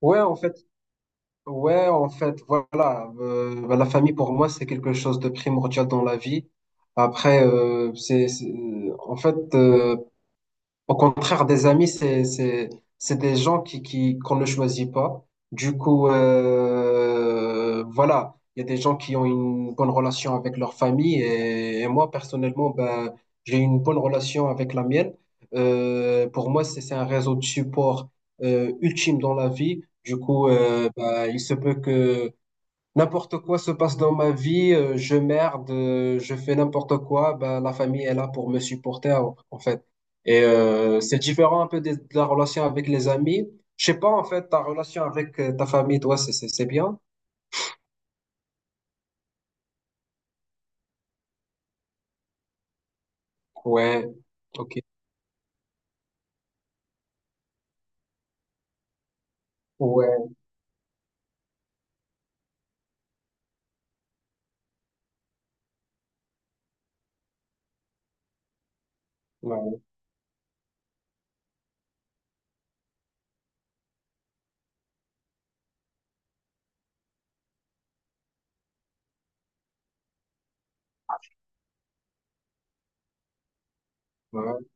Ouais, en fait, ouais, en fait, voilà. Bah, la famille, pour moi, c'est quelque chose de primordial dans la vie. Après, en fait, au contraire, des amis, c'est des gens qu'on ne choisit pas. Du coup, voilà, il y a des gens qui ont une bonne relation avec leur famille et moi, personnellement, ben, j'ai une bonne relation avec la mienne. Pour moi, c'est un réseau de support ultime dans la vie. Du coup, ben, il se peut que n'importe quoi se passe dans ma vie, je merde, je fais n'importe quoi, ben, la famille est là pour me supporter en fait. Et c'est différent un peu la relation avec les amis. Je sais pas en fait, ta relation avec ta famille, toi, c'est bien? Ouais, ok. Ouais, ouais, ouais.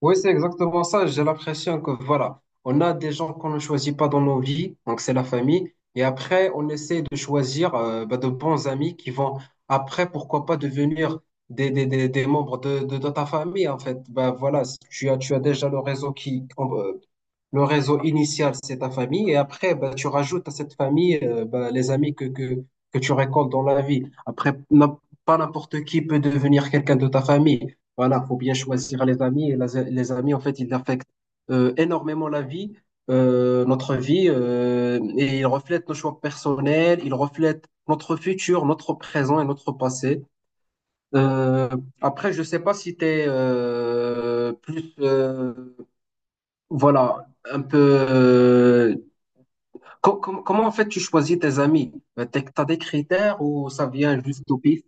Oui, c'est exactement ça. J'ai l'impression que voilà, on a des gens qu'on ne choisit pas dans nos vies, donc c'est la famille. Et après, on essaie de choisir bah, de bons amis qui vont après, pourquoi pas, devenir des membres de ta famille, en fait. Bah, voilà, si tu as déjà le réseau le réseau initial, c'est ta famille. Et après, bah, tu rajoutes à cette famille bah, les amis que tu récoltes dans la vie. Après, pas n'importe qui peut devenir quelqu'un de ta famille. Voilà, faut bien choisir les amis. Les amis, en fait, ils affectent énormément la vie, notre vie, et ils reflètent nos choix personnels, ils reflètent notre futur, notre présent et notre passé. Euh, Après, je sais pas si tu es plus... voilà, un peu. Comment en fait tu choisis tes amis? T'as des critères ou ça vient juste au pif?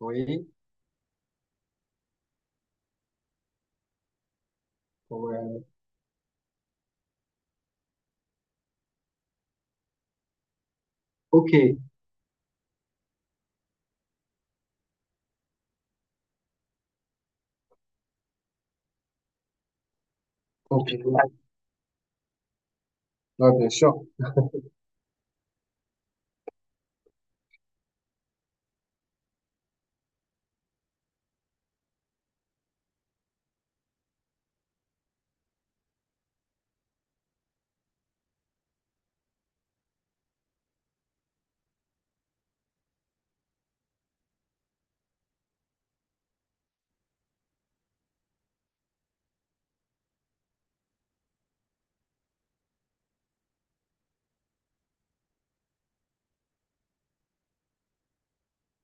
Oui. Ouais. Ok. Ok. Ouais, bien sûr.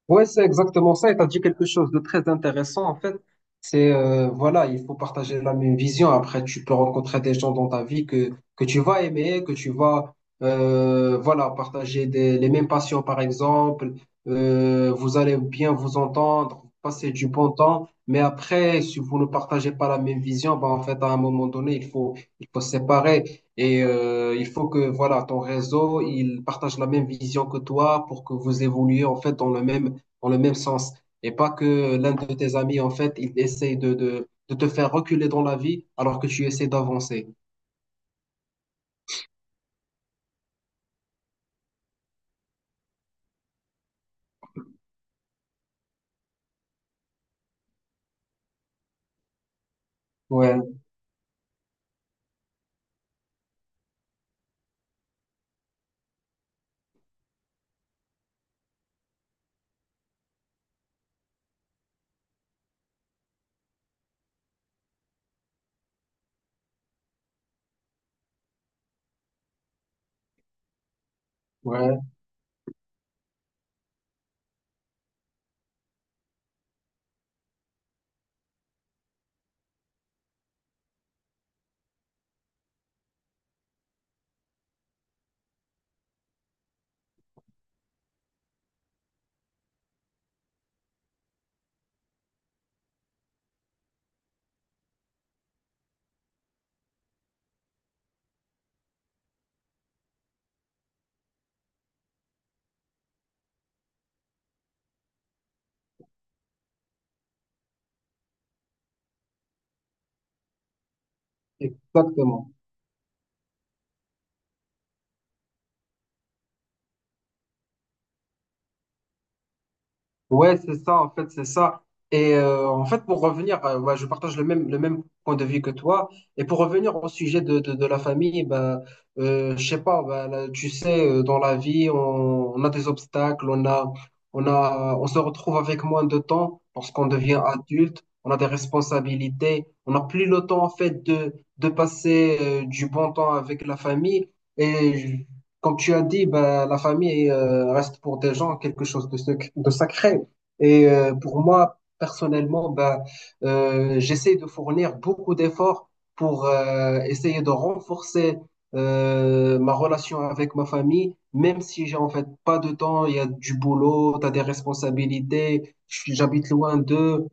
Ouais, c'est exactement ça. Et tu as dit quelque chose de très intéressant, en fait. Voilà, il faut partager la même vision. Après, tu peux rencontrer des gens dans ta vie que tu vas aimer, que tu vas, voilà, partager les mêmes passions, par exemple. Vous allez bien vous entendre, passer du bon temps. Mais après, si vous ne partagez pas la même vision, ben, en fait, à un moment donné, il faut se séparer. Et il faut que, voilà, ton réseau, il partage la même vision que toi pour que vous évoluiez, en fait, dans le même sens. Et pas que l'un de tes amis, en fait, il essaie de te faire reculer dans la vie alors que tu essaies d'avancer. Ouais, ouais, exactement. Ouais, c'est ça, en fait, c'est ça. Et en fait, pour revenir, ouais, je partage le même point de vue que toi. Et pour revenir au sujet de la famille, ben, je sais pas, ben, là, tu sais, dans la vie, on a des obstacles, on a, on se retrouve avec moins de temps lorsqu'on devient adulte, on a des responsabilités, on n'a plus le temps, en fait, de passer du bon temps avec la famille. Et je- Comme tu as dit, ben, la famille reste pour des gens quelque chose de sacré. Et pour moi, personnellement, ben, j'essaie de fournir beaucoup d'efforts pour essayer de renforcer ma relation avec ma famille, même si j'ai en fait pas de temps, il y a du boulot, tu as des responsabilités, j'habite loin d'eux.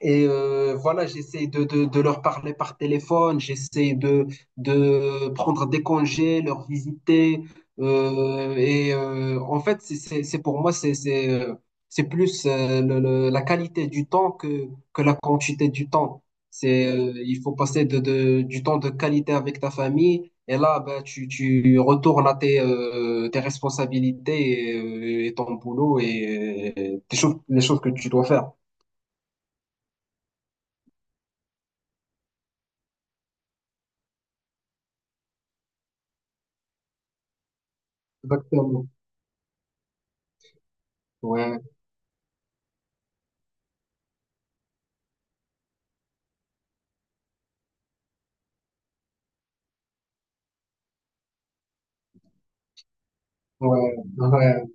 Et voilà, j'essaie de leur parler par téléphone, j'essaie de prendre des congés, leur visiter. En fait, c'est pour moi, c'est plus la qualité du temps que la quantité du temps. Il faut passer du temps de qualité avec ta famille. Et là, ben, tu retournes à tes, tes responsabilités et ton boulot tes choses, les choses que tu dois faire. Exactement. Ouais, ouais, ouais,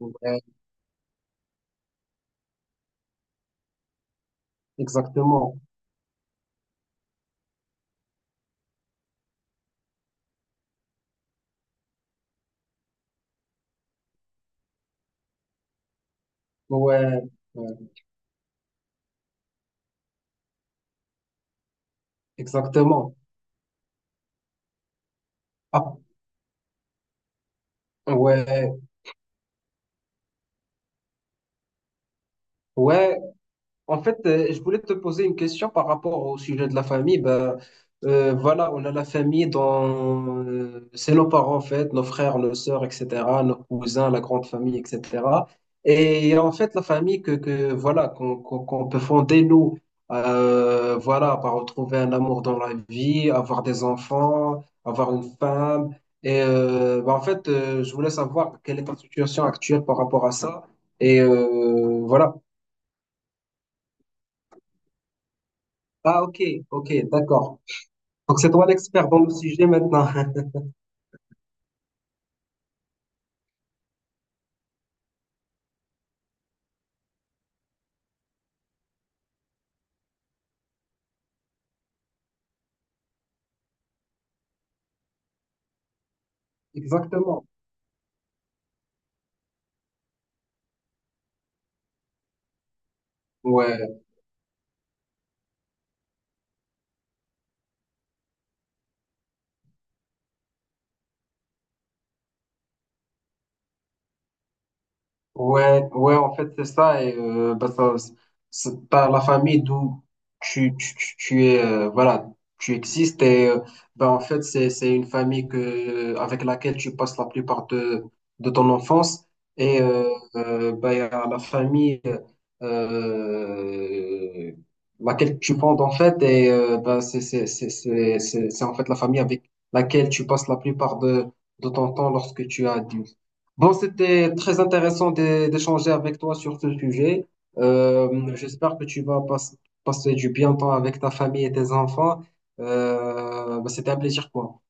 ouais, exactement, ouais, euh, exactement. Ah, ouais, ouais. En fait, je voulais te poser une question par rapport au sujet de la famille. Ben, voilà, on a la famille dont c'est nos parents, en fait, nos frères, nos sœurs, etc., nos cousins, la grande famille, etc. Et en fait, la famille que voilà, qu'on peut fonder, nous, voilà, par retrouver un amour dans la vie, avoir des enfants, avoir une femme. Et ben, en fait, je voulais savoir quelle est ta situation actuelle par rapport à ça. Et voilà. Ah, ok, ok, d'accord. Donc c'est toi l'expert dans le sujet maintenant. Exactement. Ouais. Ouais, ouais, en fait, c'est ça. Et bah, ça, c'est par la famille d'où tu es, voilà, tu existes. Et bah, en fait, c'est une famille que, avec laquelle tu passes la plupart de ton enfance. Et bah, il y a la famille euh, laquelle tu fondes, en fait. Et bah, c'est en fait la famille avec laquelle tu passes la plupart de ton temps lorsque tu as. Bon, c'était très intéressant d'échanger avec toi sur ce sujet. J'espère que tu vas passer du bien temps avec ta famille et tes enfants. Bah, c'était un plaisir pour moi.